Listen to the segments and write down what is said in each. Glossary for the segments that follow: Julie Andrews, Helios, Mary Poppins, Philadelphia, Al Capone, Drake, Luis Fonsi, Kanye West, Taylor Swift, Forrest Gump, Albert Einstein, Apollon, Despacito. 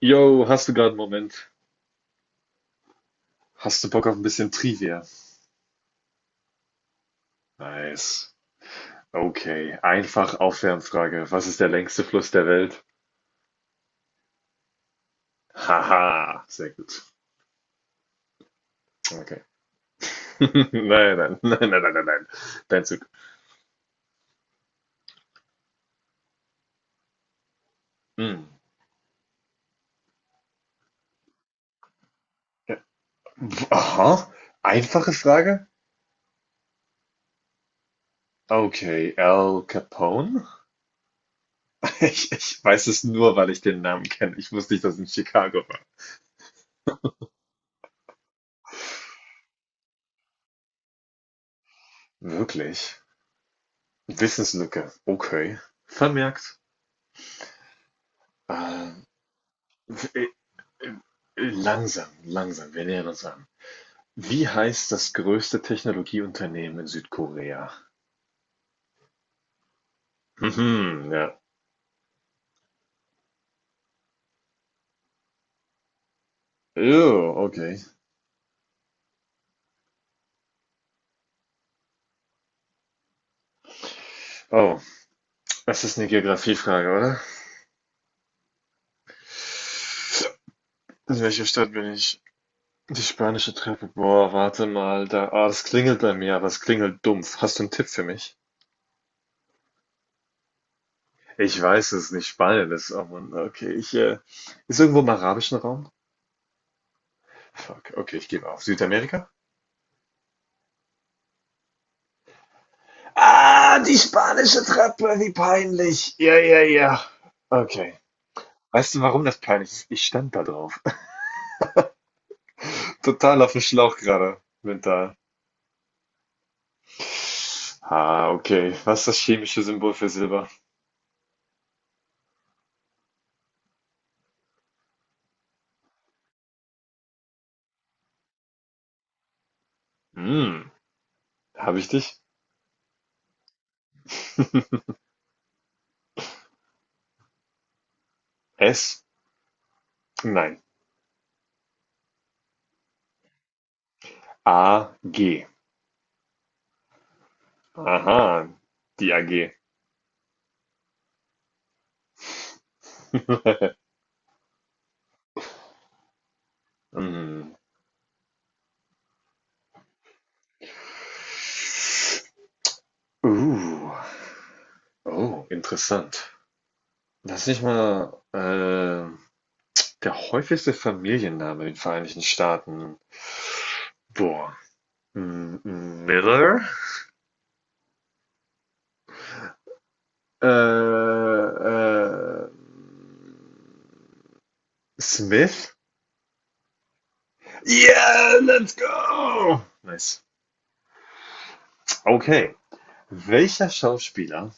Yo, hast du gerade einen Moment? Hast du Bock auf ein bisschen Trivia? Nice. Okay, einfach Aufwärmfrage. Was ist der längste Fluss der Welt? Haha, sehr gut. Okay. Nein, nein, nein, nein, nein, nein, nein. Dein Zug. Hm. Ja. Aha, einfache Frage? Okay, Al Capone? Ich weiß es nur, weil ich den Namen kenne. Ich wusste nicht, dass es in Chicago war. Wirklich? Wissenslücke. Okay. Vermerkt. Ähm, Langsam, langsam, wir nähern uns an. Wie heißt das größte Technologieunternehmen in Südkorea? Mhm, ja. Oh, okay. Oh, das ist eine Geografiefrage, oder? In welcher Stadt bin ich? Die spanische Treppe. Boah, warte mal, da. Ah, das klingelt bei mir, aber es klingelt dumpf. Hast du einen Tipp für mich? Ich weiß, es nicht Spanien ist, oh Mann. Okay, ich, ist irgendwo im arabischen Raum? Fuck, okay, ich gebe auf. Südamerika? Ah, die spanische Treppe, wie peinlich. Ja, ja, ja. Okay. Weißt du, warum das peinlich ist? Ich stand da drauf. Total auf dem Schlauch gerade, mental. Ah, okay. Was ist das chemische Symbol für Silber? Hm, habe ich dich? S? Nein. A, G. Aha, die AG. Hm. Uh, oh, interessant. Das ist nicht mal der häufigste Familienname in den Vereinigten Staaten. Boah. Miller? Äh, äh, Smith? Yeah, let's go! Nice. Okay. Welcher Schauspieler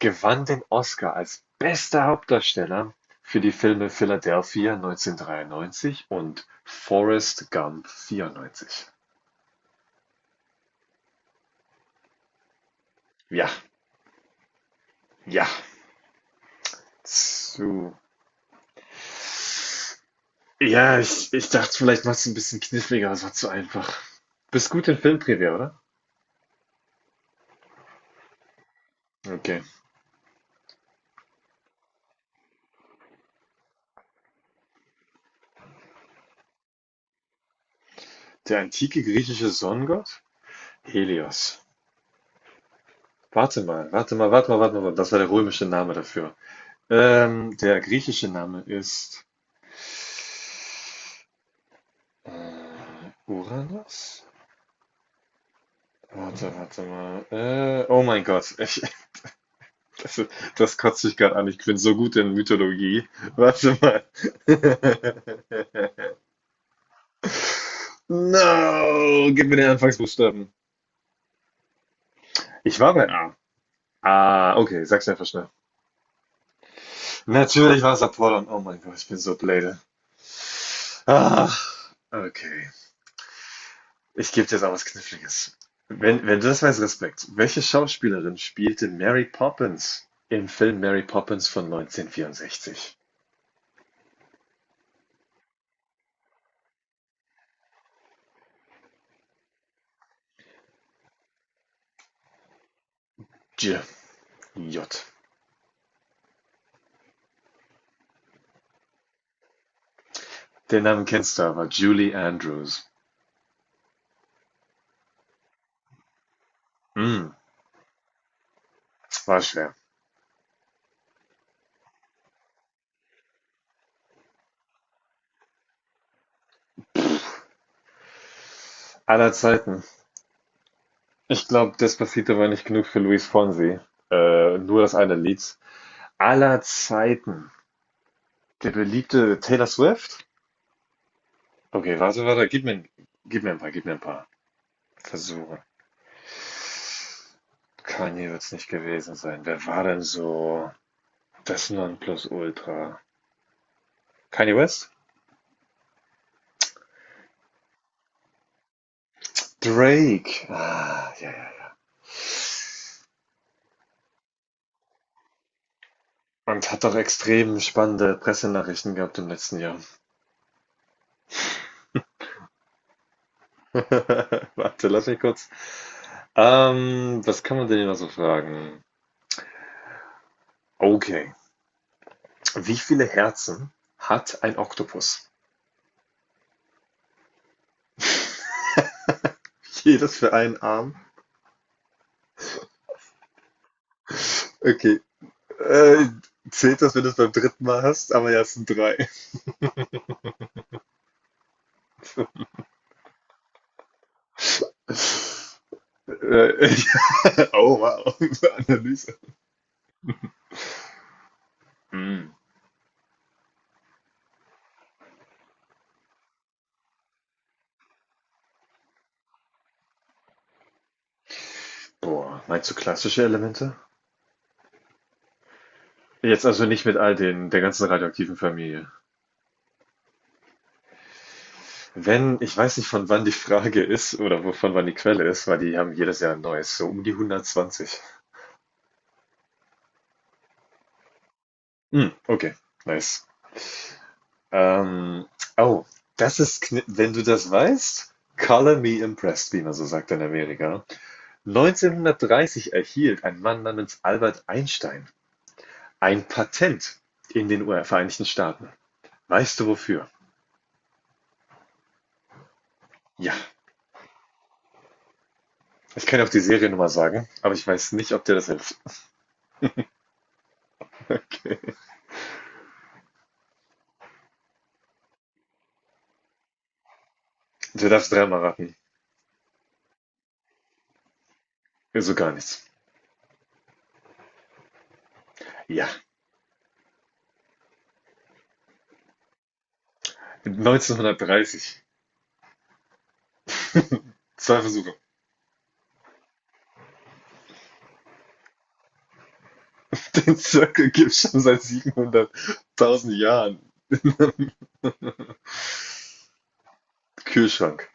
gewann den Oscar als bester Hauptdarsteller für die Filme Philadelphia 1993 und Forrest Gump 94? Ja, ja. Zu. Ja, ich dachte, vielleicht machst du ein bisschen kniffliger, aber es war zu einfach. Bist gut in Filmtrivia, oder? Okay. Der antike griechische Sonnengott? Helios. Warte mal, warte mal, warte mal, warte mal. Das war der römische Name dafür. Der griechische Name ist Uranus? Warte, warte mal. Oh mein Gott, ich, das, das kotzt mich gerade an. Ich bin so gut in Mythologie. Warte mal. No, gib mir den Anfangsbuchstaben. Ich war bei A. Ah, okay, sag's einfach schnell. Natürlich war es Apollon. Oh mein Gott, ich bin so blöde. Ah, okay. Ich gebe dir jetzt auch was Kniffliges. Wenn du das weißt, Respekt. Welche Schauspielerin spielte Mary Poppins im Film Mary Poppins von 1964? J. J. Den Namen kennst du aber, Julie Andrews. Hm, war schwer. Aller Zeiten. Ich glaube, Despacito war nicht genug für Luis Fonsi. Nur das eine Lied. Aller Zeiten. Der beliebte Taylor Swift? Okay, warte, warte, gib mir ein paar, gib mir ein paar Versuche. Kanye wird es nicht gewesen sein. Wer war denn so das Nonplusultra? Kanye West? Drake. Ah, ja, ja, ja. Und hat doch extrem spannende Pressenachrichten gehabt im letzten Jahr. Warte, lass mich kurz. Was kann man denn hier noch so fragen? Okay. Wie viele Herzen hat ein Oktopus? Jedes für einen Arm. Okay. Äh, zählt das, wenn du es beim dritten Mal hast? Aber ja, es sind drei. Äh, oh, wow. Analyse. Hm. Boah, meinst du klassische Elemente? Jetzt also nicht mit all den, der ganzen radioaktiven Familie. Wenn, ich weiß nicht, von wann die Frage ist oder wo- von wann die Quelle ist, weil die haben jedes Jahr ein neues, so um die 120. Hm, okay, nice. Ähm, oh, das ist, kn- wenn du das weißt, color me impressed, wie man so sagt in Amerika. 1930 erhielt ein Mann namens Albert Einstein ein Patent in den Vereinigten Staaten. Weißt du wofür? Ja. Ich kann dir auch die Seriennummer sagen, aber ich weiß nicht, ob dir das hilft. Okay. Du darfst dreimal raten. So gar nichts. Ja. 1930. Zwei Versuche. Den Circle gibt es schon seit 700.000 Jahren. Kühlschrank.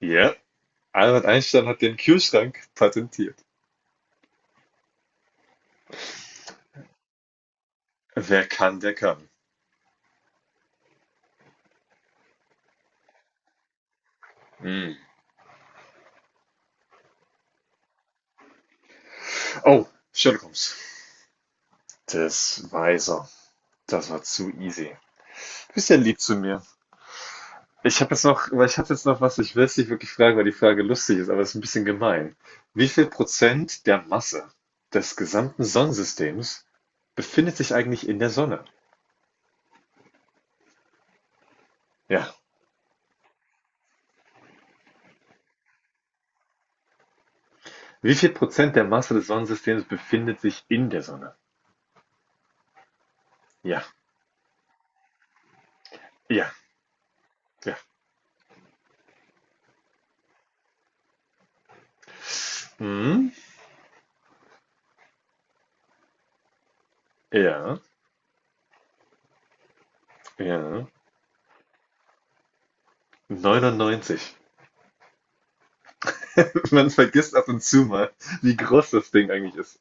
Ja. Albert Einstein hat den Kühlschrank patentiert. Wer kann, der kann. Mm. Oh, Sherlock Holmes. Das weiß er. Das war zu easy. Du bist ja lieb zu mir. Ich habe jetzt noch, weil ich hatte jetzt noch was, ich will es nicht wirklich fragen, weil die Frage lustig ist, aber es ist ein bisschen gemein. Wie viel Prozent der Masse des gesamten Sonnensystems befindet sich eigentlich in der Sonne? Ja. Wie viel Prozent der Masse des Sonnensystems befindet sich in der Sonne? Ja, ja, ja. Hm? Ja, ja. 99. Man vergisst ab und zu mal, wie groß das Ding eigentlich ist.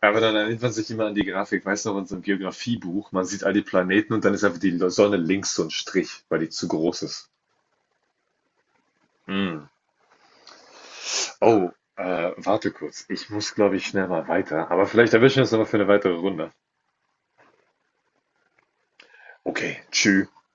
Aber dann erinnert man sich immer an die Grafik, weißt du, noch, in so einem Geografiebuch, man sieht all die Planeten und dann ist einfach die Sonne links so ein Strich, weil die zu groß ist. Hm. Oh, warte kurz. Ich muss, glaube ich, schnell mal weiter. Aber vielleicht erwischen wir uns nochmal für eine weitere Runde. Okay, tschüss.